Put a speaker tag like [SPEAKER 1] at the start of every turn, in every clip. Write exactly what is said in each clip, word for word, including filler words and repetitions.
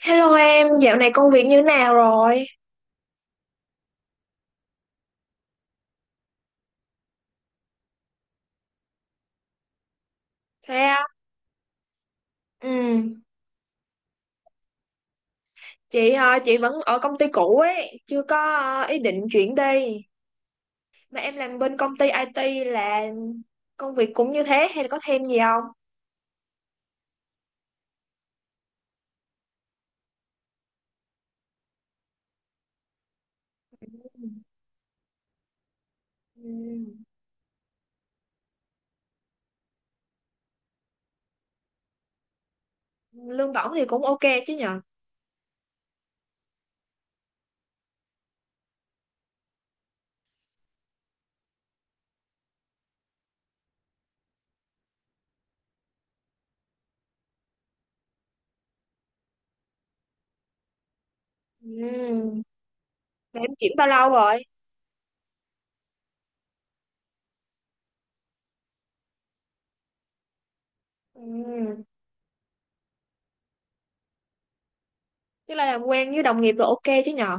[SPEAKER 1] Hello em, dạo này công việc như nào rồi? Sao? Ừ, chị ờ, chị vẫn ở công ty cũ ấy, chưa có ờ, ý định chuyển đi. Mà em làm bên công ty ai ti là công việc cũng như thế hay là có thêm gì không? Ừ, lương bổng thì cũng ok chứ nhờ. Ừ, mà em chuyển bao lâu rồi? Ừ, tức là làm quen với đồng nghiệp rồi ok chứ nhờ.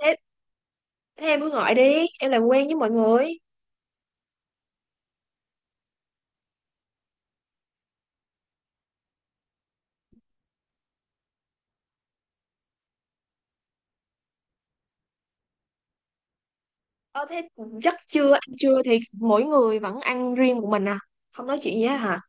[SPEAKER 1] Thế, thế em cứ gọi đi, em làm quen với mọi người. Ờ thế chắc trưa ăn trưa thì mỗi người vẫn ăn riêng của mình à? Không nói chuyện gì hết hả?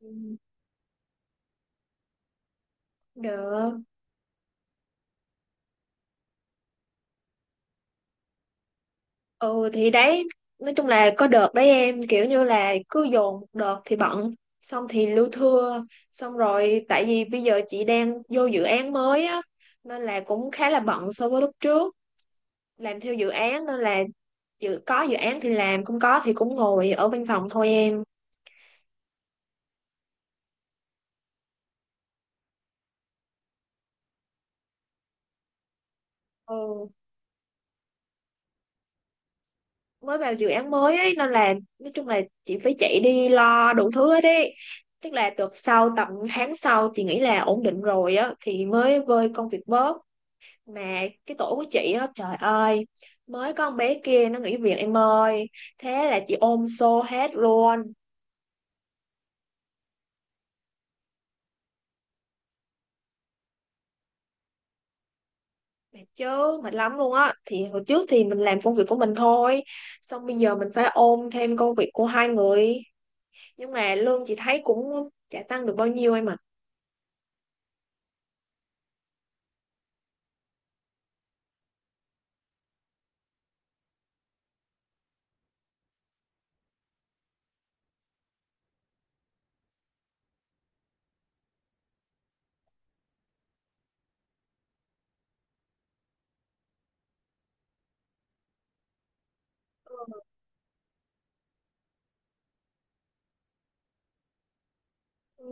[SPEAKER 1] Ừ, được. Ừ thì đấy, nói chung là có đợt đấy em kiểu như là cứ dồn một đợt thì bận, xong thì lưu thưa, xong rồi tại vì bây giờ chị đang vô dự án mới á nên là cũng khá là bận so với lúc trước, làm theo dự án nên là dự có dự án thì làm, không có thì cũng ngồi ở văn phòng thôi em. Ừ, mới vào dự án mới ấy nên là nói chung là chị phải chạy đi lo đủ thứ hết ấy, tức là được sau tầm tháng sau chị nghĩ là ổn định rồi á thì mới vơi công việc bớt. Mà cái tổ của chị á, trời ơi, mới có con bé kia nó nghỉ việc em ơi, thế là chị ôm xô hết luôn. Mệt chứ, mệt lắm luôn á. Thì hồi trước thì mình làm công việc của mình thôi, xong bây giờ mình phải ôm thêm công việc của hai người, nhưng mà lương chị thấy cũng chả tăng được bao nhiêu em ạ. Ừ.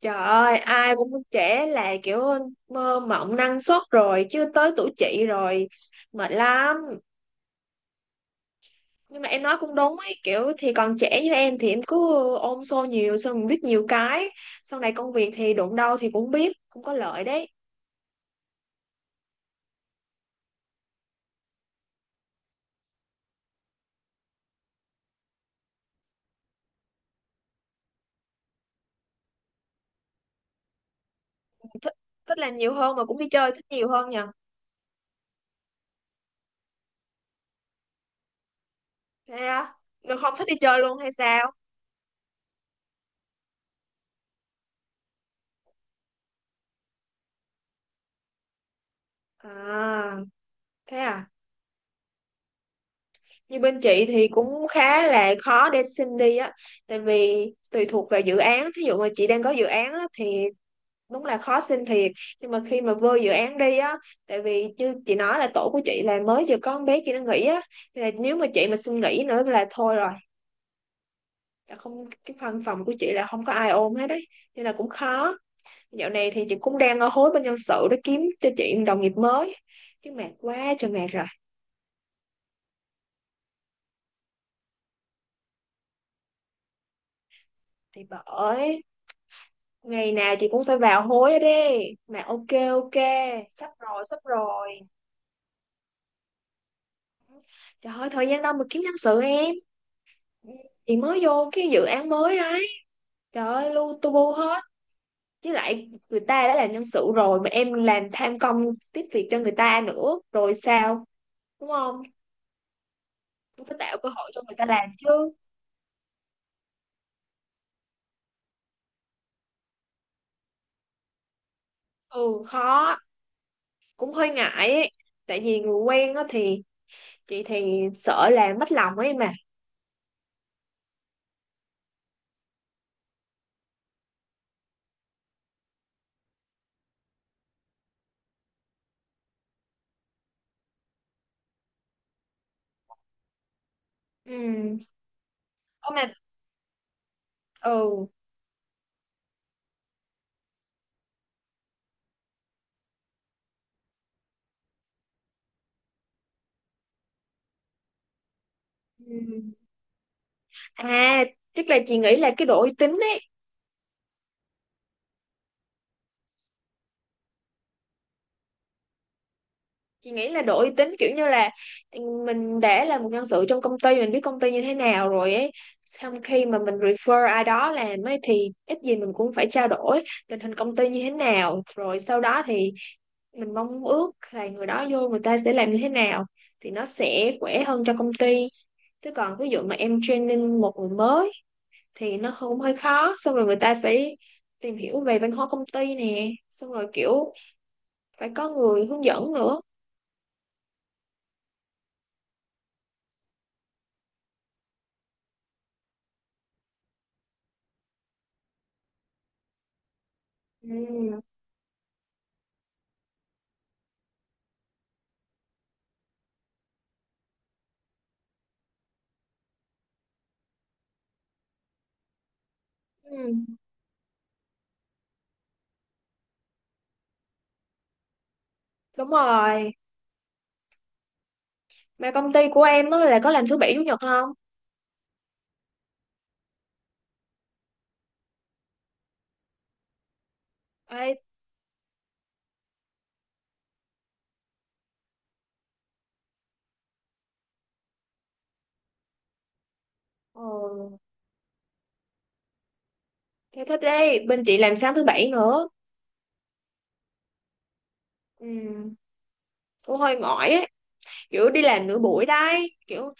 [SPEAKER 1] Trời ơi, ai cũng trẻ là kiểu mơ mộng năng suất rồi, chứ tới tuổi chị rồi mệt lắm. Nhưng mà em nói cũng đúng ấy, kiểu thì còn trẻ như em thì em cứ ôm xô nhiều xong mình biết nhiều cái. Sau này công việc thì đụng đâu thì cũng biết, cũng có lợi đấy. Thích, thích làm nhiều hơn mà cũng đi chơi thích nhiều hơn nhờ. Thế á? Được không thích đi chơi luôn hay sao? À, thế à. Như bên chị thì cũng khá là khó để xin đi á, tại vì tùy thuộc vào dự án, thí dụ mà chị đang có dự án á thì đúng là khó xin thiệt, nhưng mà khi mà vô dự án đi á, tại vì như chị nói là tổ của chị là mới vừa có con bé kia nó nghỉ á. Thì là nếu mà chị mà xin nghỉ nữa là thôi rồi, là không, cái văn phòng của chị là không có ai ôm hết đấy, nên là cũng khó. Dạo này thì chị cũng đang ở hối bên nhân sự để kiếm cho chị một đồng nghiệp mới, chứ mệt quá trời mệt rồi. Thì bởi, ngày nào chị cũng phải vào hối hết đi mà ok, ok, sắp rồi, sắp rồi. Trời ơi thời gian đâu mà kiếm nhân sự em, chị mới vô cái dự án mới đó. Trời ơi, lu tu bu hết. Chứ lại người ta đã là nhân sự rồi mà em làm tham công tiếp việc cho người ta nữa. Rồi sao? Đúng không? Cũng phải tạo cơ hội cho người ta làm chứ. Ừ, khó. Cũng hơi ngại ấy. Tại vì người quen á thì chị thì sợ làm mất lòng ấy mà. Ừ. Ô mà, ừ. Ừ. À, chắc là chị nghĩ là cái độ uy tín ấy. Chị nghĩ là độ uy tín kiểu như là, ừ, mình đã là một nhân sự trong công ty, mình biết công ty như thế nào rồi ấy, xong khi mà mình refer ai đó làm ấy thì ít gì mình cũng phải trao đổi tình hình công ty như thế nào, rồi sau đó thì mình mong ước là người đó vô người ta sẽ làm như thế nào, thì nó sẽ khỏe hơn cho công ty. Chứ còn ví dụ mà em training một người mới thì nó không, hơi khó, xong rồi người ta phải tìm hiểu về văn hóa công ty nè, xong rồi kiểu phải có người hướng dẫn nữa. Ừ. Ừ. Đúng rồi, mà công ty của em á là có làm thứ bảy chủ nhật không? Ê, ờ, thế thích đi, bên chị làm sáng thứ bảy nữa. Ừ, cũng hơi mỏi ấy, kiểu đi làm nửa buổi đấy, kiểu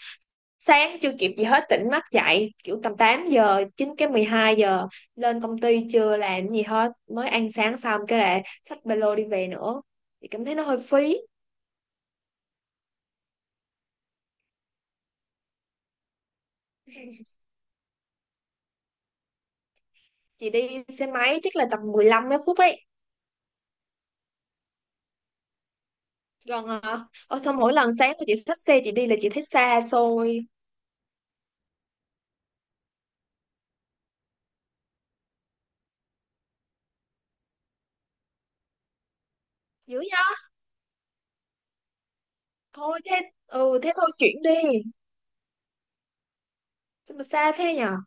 [SPEAKER 1] sáng chưa kịp gì hết tỉnh mắt dậy, kiểu tầm tám giờ, chín cái mười hai giờ lên công ty chưa làm gì hết, mới ăn sáng xong cái là xách ba lô đi về nữa. Chị cảm thấy nó hơi phí. Chị đi xe máy chắc là tầm mười lăm mấy phút ấy. Gần à. Ờ, xong mỗi lần sáng của chị xách xe chị đi là chị thấy xa xôi dữ. Thôi thế, ừ thế thôi chuyển đi. Sao mà xa thế nhở,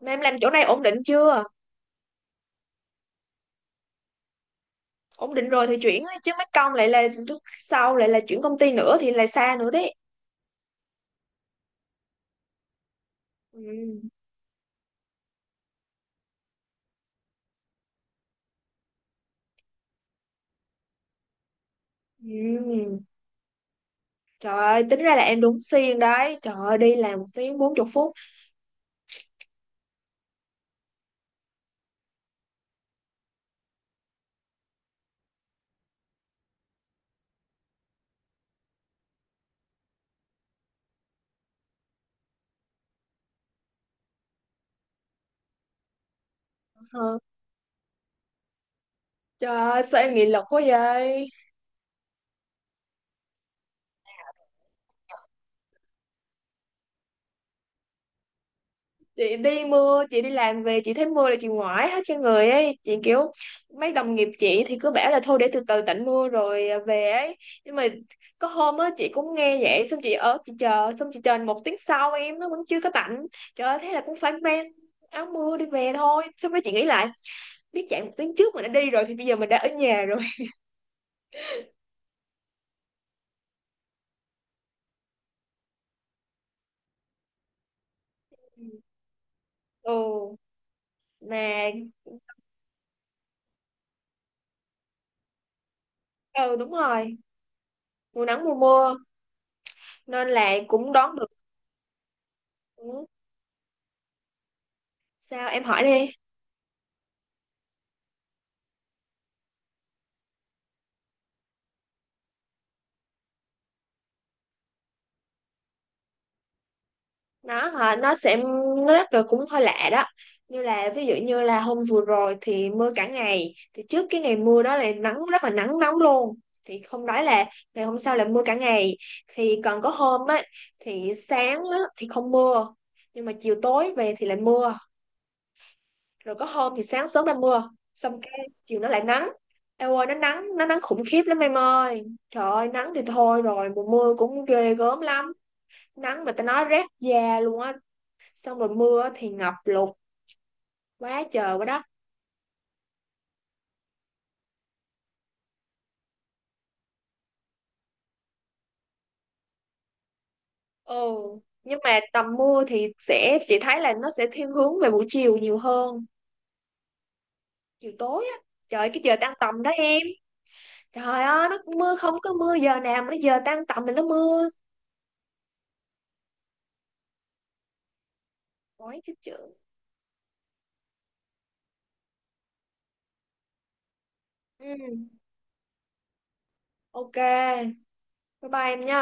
[SPEAKER 1] mà em làm chỗ này ổn định chưa? Ổn định rồi thì chuyển ấy, chứ mất công lại là lúc sau lại là chuyển công ty nữa thì lại xa nữa đấy. Ừ. Ừ. Trời ơi tính ra là em đúng xuyên đấy, trời ơi đi làm một tiếng bốn chục phút. Ờ. Trời ơi sao em nghị lực quá vậy. Chị đi mưa, chị đi làm về chị thấy mưa là chị ngoải hết cả người ấy, chị kiểu mấy đồng nghiệp chị thì cứ bảo là thôi để từ từ tạnh mưa rồi à, về ấy, nhưng mà có hôm á chị cũng nghe vậy, xong chị ở chị chờ, xong chị chờ một tiếng sau em nó vẫn chưa có tạnh. Trời ơi thế là cũng phải mang áo mưa đi về thôi, xong rồi chị nghĩ lại, biết chạy một tiếng trước mình đã đi rồi thì bây giờ mình đã ở nhà rồi. Ừ. Mà, ừ, đúng rồi, mùa nắng mùa mưa nên là cũng đoán được. Ừ, sao em hỏi đi. Nó hả, nó sẽ, nó rất là cũng hơi lạ đó. Như là ví dụ như là hôm vừa rồi thì mưa cả ngày, thì trước cái ngày mưa đó là nắng, rất là nắng nóng luôn, thì không nói là ngày hôm sau là mưa cả ngày. Thì còn có hôm á thì sáng á thì không mưa, nhưng mà chiều tối về thì lại mưa. Rồi có hôm thì sáng sớm ra mưa xong cái chiều nó lại nắng. Eo ơi nó nắng, nó nắng khủng khiếp lắm em ơi. Trời ơi nắng thì thôi rồi, mùa mưa cũng ghê gớm lắm. Nắng mà tao nói rát da luôn á, xong rồi mưa thì ngập lụt quá trời quá đất. Ừ. Nhưng mà tầm mưa thì sẽ, chị thấy là nó sẽ thiên hướng về buổi chiều nhiều hơn, chiều tối á. Trời ơi, cái giờ tan tầm đó em, trời ơi nó mưa không có mưa giờ nào, mà nó giờ tan tầm thì nó mưa. Ôi cái chữ, ừ, ok, bye bye em nha.